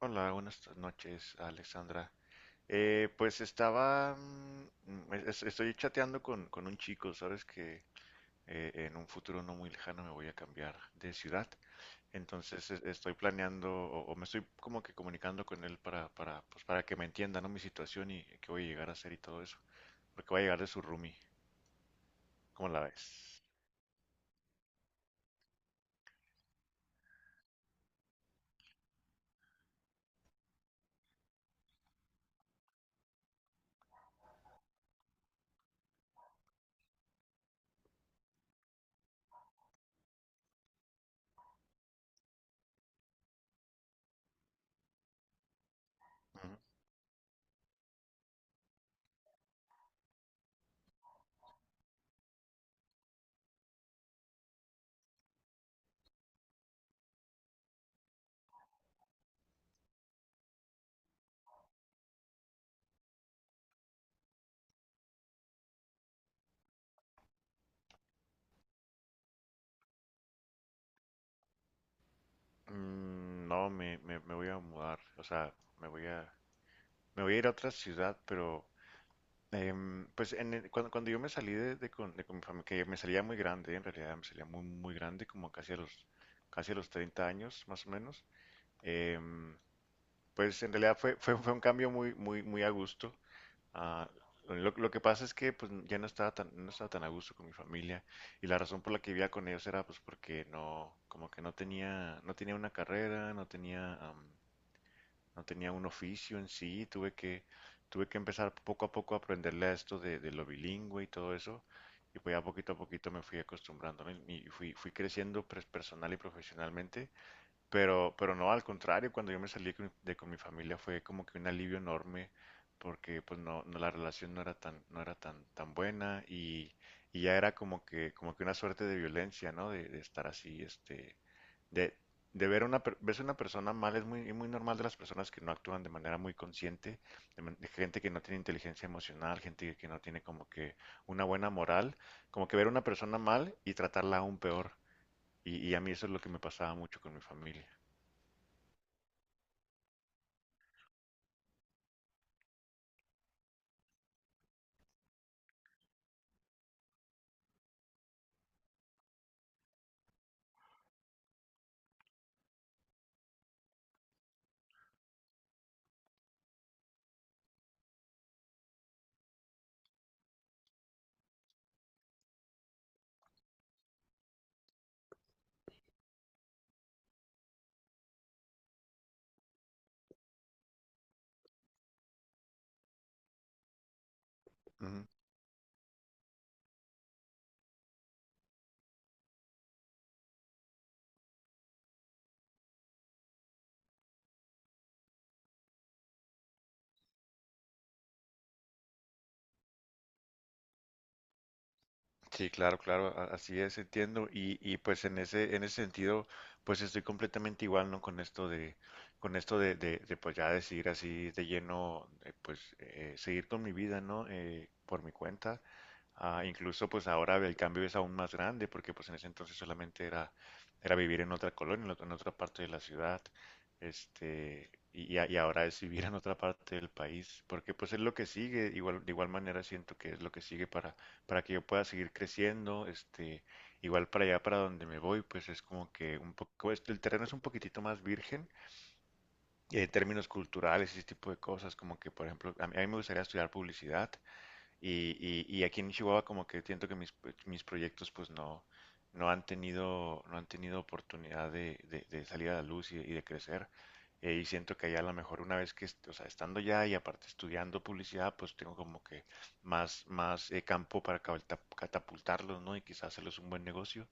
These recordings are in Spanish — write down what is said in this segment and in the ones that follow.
Hola, buenas noches, Alexandra. Pues estaba, estoy chateando con un chico, sabes que en un futuro no muy lejano me voy a cambiar de ciudad, entonces estoy planeando o me estoy como que comunicando con él pues para que me entienda, ¿no? Mi situación y qué voy a llegar a hacer y todo eso, porque voy a llegar de su roomie, ¿cómo la ves? Ujú. No, me voy a mudar, o sea, me voy a, me voy a ir a otra ciudad, pero pues en cuando, cuando yo me salí de con mi familia, que me salía muy grande, en realidad me salía muy grande, como casi a los 30 años, más o menos, em, pues en realidad fue un cambio muy a gusto. Ah, lo que pasa es que pues ya no estaba tan, no estaba tan a gusto con mi familia y la razón por la que vivía con ellos era pues porque no, como que no tenía, no tenía una carrera, no tenía, no tenía un oficio en sí, tuve que empezar poco a poco a aprenderle a esto de lo bilingüe y todo eso, y pues ya poquito a poquito me fui acostumbrando, ¿no? Y fui, fui creciendo pues, personal y profesionalmente, pero no, al contrario, cuando yo me salí de con mi familia fue como que un alivio enorme, porque pues no, no, la relación no era tan, no era tan, tan buena y ya era como que una suerte de violencia, ¿no? De estar así, este de, de ver una, ves una persona mal es muy, muy normal de las personas que no actúan de manera muy consciente, de de gente que no tiene inteligencia emocional, gente que no tiene como que una buena moral, como que ver una persona mal y tratarla aún peor. Y a mí eso es lo que me pasaba mucho con mi familia. Sí, claro, claro, así es, entiendo. Y pues en ese sentido, pues estoy completamente igual, ¿no? Con esto de, con esto de, pues ya decidir así de lleno, pues seguir con mi vida, ¿no? Por mi cuenta. Incluso pues ahora el cambio es aún más grande, porque pues en ese entonces solamente era, era vivir en otra colonia, en otra parte de la ciudad. Este, y y ahora es vivir en otra parte del país, porque pues es lo que sigue, igual, de igual manera siento que es lo que sigue para que yo pueda seguir creciendo, este, igual para allá, para donde me voy, pues es como que un poco, este, el terreno es un poquitito más virgen en términos culturales, y ese tipo de cosas, como que, por ejemplo, a mí me gustaría estudiar publicidad, y, y aquí en Chihuahua como que siento que mis, pues, mis proyectos pues no, no han tenido, no han tenido oportunidad de, de salir a la luz y de crecer. Y siento que allá a lo mejor una vez que, o sea, estando ya y aparte estudiando publicidad, pues tengo como que más, más campo para catapultarlos, ¿no? Y quizás hacerles un buen negocio.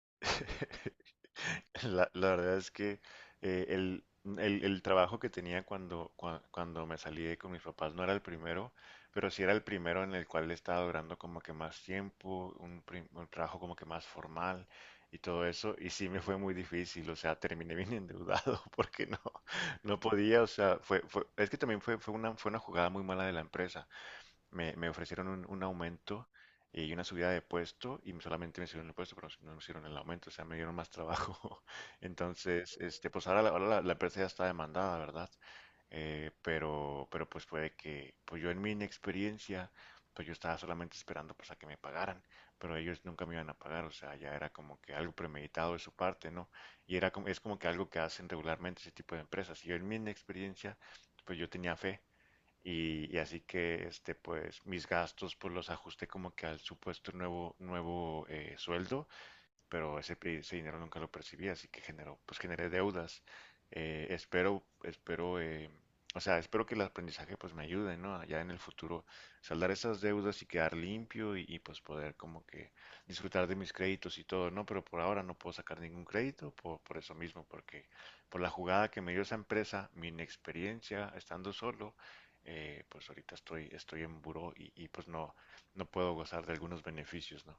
La verdad es que eh, el, el trabajo que tenía cuando, cuando me salí de con mis papás no era el primero, pero sí era el primero en el cual estaba durando como que más tiempo, un, un trabajo como que más formal y todo eso, y sí me fue muy difícil, o sea, terminé bien endeudado porque no, no podía, o sea, fue, fue, es que también fue, fue una jugada muy mala de la empresa me ofrecieron un aumento y una subida de puesto y solamente me hicieron el puesto, pero no me hicieron el aumento, o sea, me dieron más trabajo. Entonces, este, pues ahora la, la empresa ya está demandada, ¿verdad? Pero pues puede que, pues yo en mi inexperiencia, pues yo estaba solamente esperando pues a que me pagaran, pero ellos nunca me iban a pagar, o sea, ya era como que algo premeditado de su parte, ¿no? Y era como, es como que algo que hacen regularmente ese tipo de empresas. Y yo en mi inexperiencia, pues yo tenía fe y así que este, pues mis gastos pues los ajusté como que al supuesto nuevo, nuevo sueldo pero ese, ese dinero nunca lo percibí, así que generó, pues generé deudas. Espero, o sea, espero que el aprendizaje pues me ayude, ¿no? Ya en el futuro saldar esas deudas y quedar limpio y, pues poder como que disfrutar de mis créditos y todo, ¿no? Pero por ahora no puedo sacar ningún crédito por eso mismo, porque por la jugada que me dio esa empresa, mi inexperiencia estando solo, pues ahorita estoy, estoy en buró y pues no, no puedo gozar de algunos beneficios, ¿no?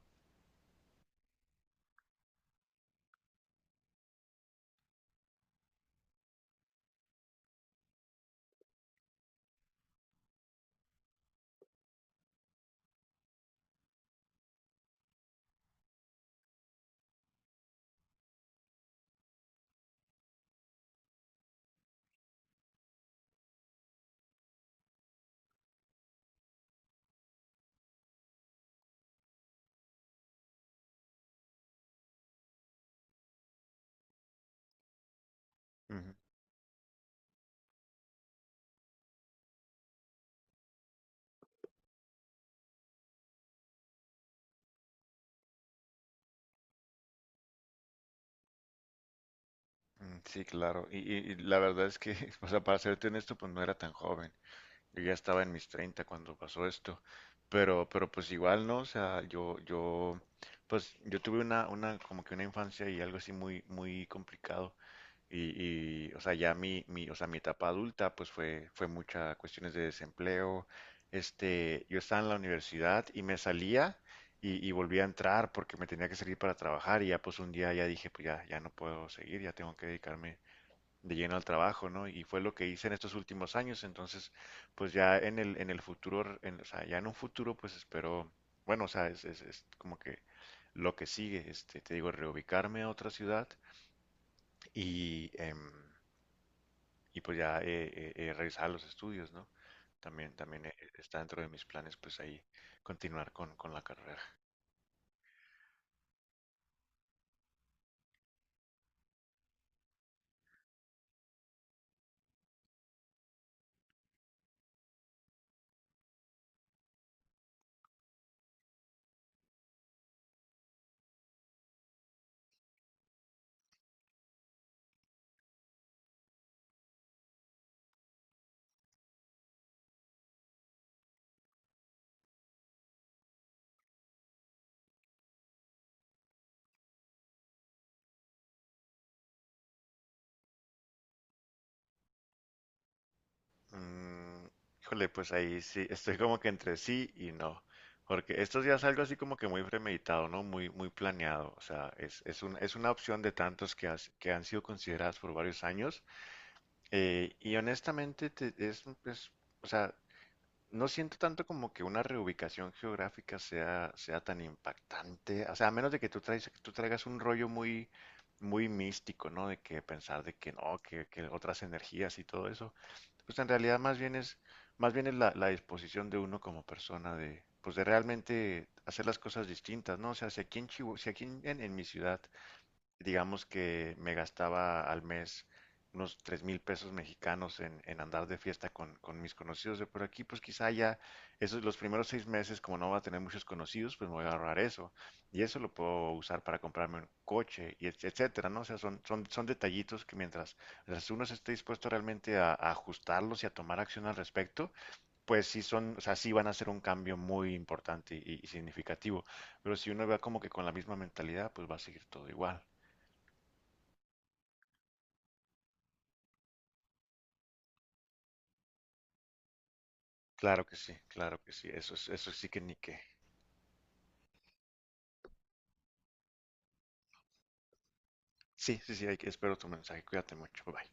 Sí, claro. Y, y la verdad es que, o sea, para serte honesto, pues no era tan joven. Yo ya estaba en mis 30 cuando pasó esto. Pero pues igual, ¿no? O sea, yo, pues yo tuve una, como que una infancia y algo así muy, muy complicado. Y, o sea, ya mi, o sea, mi etapa adulta, pues fue, fue muchas cuestiones de desempleo. Este, yo estaba en la universidad y me salía y volví a entrar porque me tenía que salir para trabajar y ya pues un día ya dije, pues ya, ya no puedo seguir, ya tengo que dedicarme de lleno al trabajo, ¿no? Y fue lo que hice en estos últimos años, entonces, pues ya en el futuro, en, o sea, ya en un futuro, pues espero, bueno, o sea, es como que lo que sigue, este, te digo, reubicarme a otra ciudad y, y pues ya regresar a los estudios, ¿no? También, también está dentro de mis planes, pues ahí continuar con la carrera. Mm, híjole, pues ahí sí, estoy como que entre sí y no, porque estos días algo así como que muy premeditado, ¿no? Muy, muy planeado, o sea, es es una opción de tantos que, que han sido consideradas por varios años, y honestamente es, o sea, no siento tanto como que una reubicación geográfica sea, sea tan impactante, o sea, a menos de que tú, traes, tú traigas un rollo muy, muy místico, ¿no? De que pensar de que no, que otras energías y todo eso, pues en realidad más bien es la, la disposición de uno como persona de, pues de realmente hacer las cosas distintas, ¿no? O sea, si aquí en si aquí en mi ciudad digamos que me gastaba al mes unos 3000 pesos mexicanos en andar de fiesta con mis conocidos de por aquí, pues quizá ya esos los primeros 6 meses, como no va a tener muchos conocidos, pues me voy a ahorrar eso. Y eso lo puedo usar para comprarme un coche, y etcétera, ¿no? O sea, son, son, son detallitos que mientras, mientras uno se esté dispuesto realmente a ajustarlos y a tomar acción al respecto, pues sí son, o sea, sí van a ser un cambio muy importante y significativo. Pero si uno va como que con la misma mentalidad, pues va a seguir todo igual. Claro que sí, claro que sí. Eso es, eso sí que ni qué. Sí, sí, sí, hay que, espero tu mensaje. Cuídate mucho. Bye. Bye.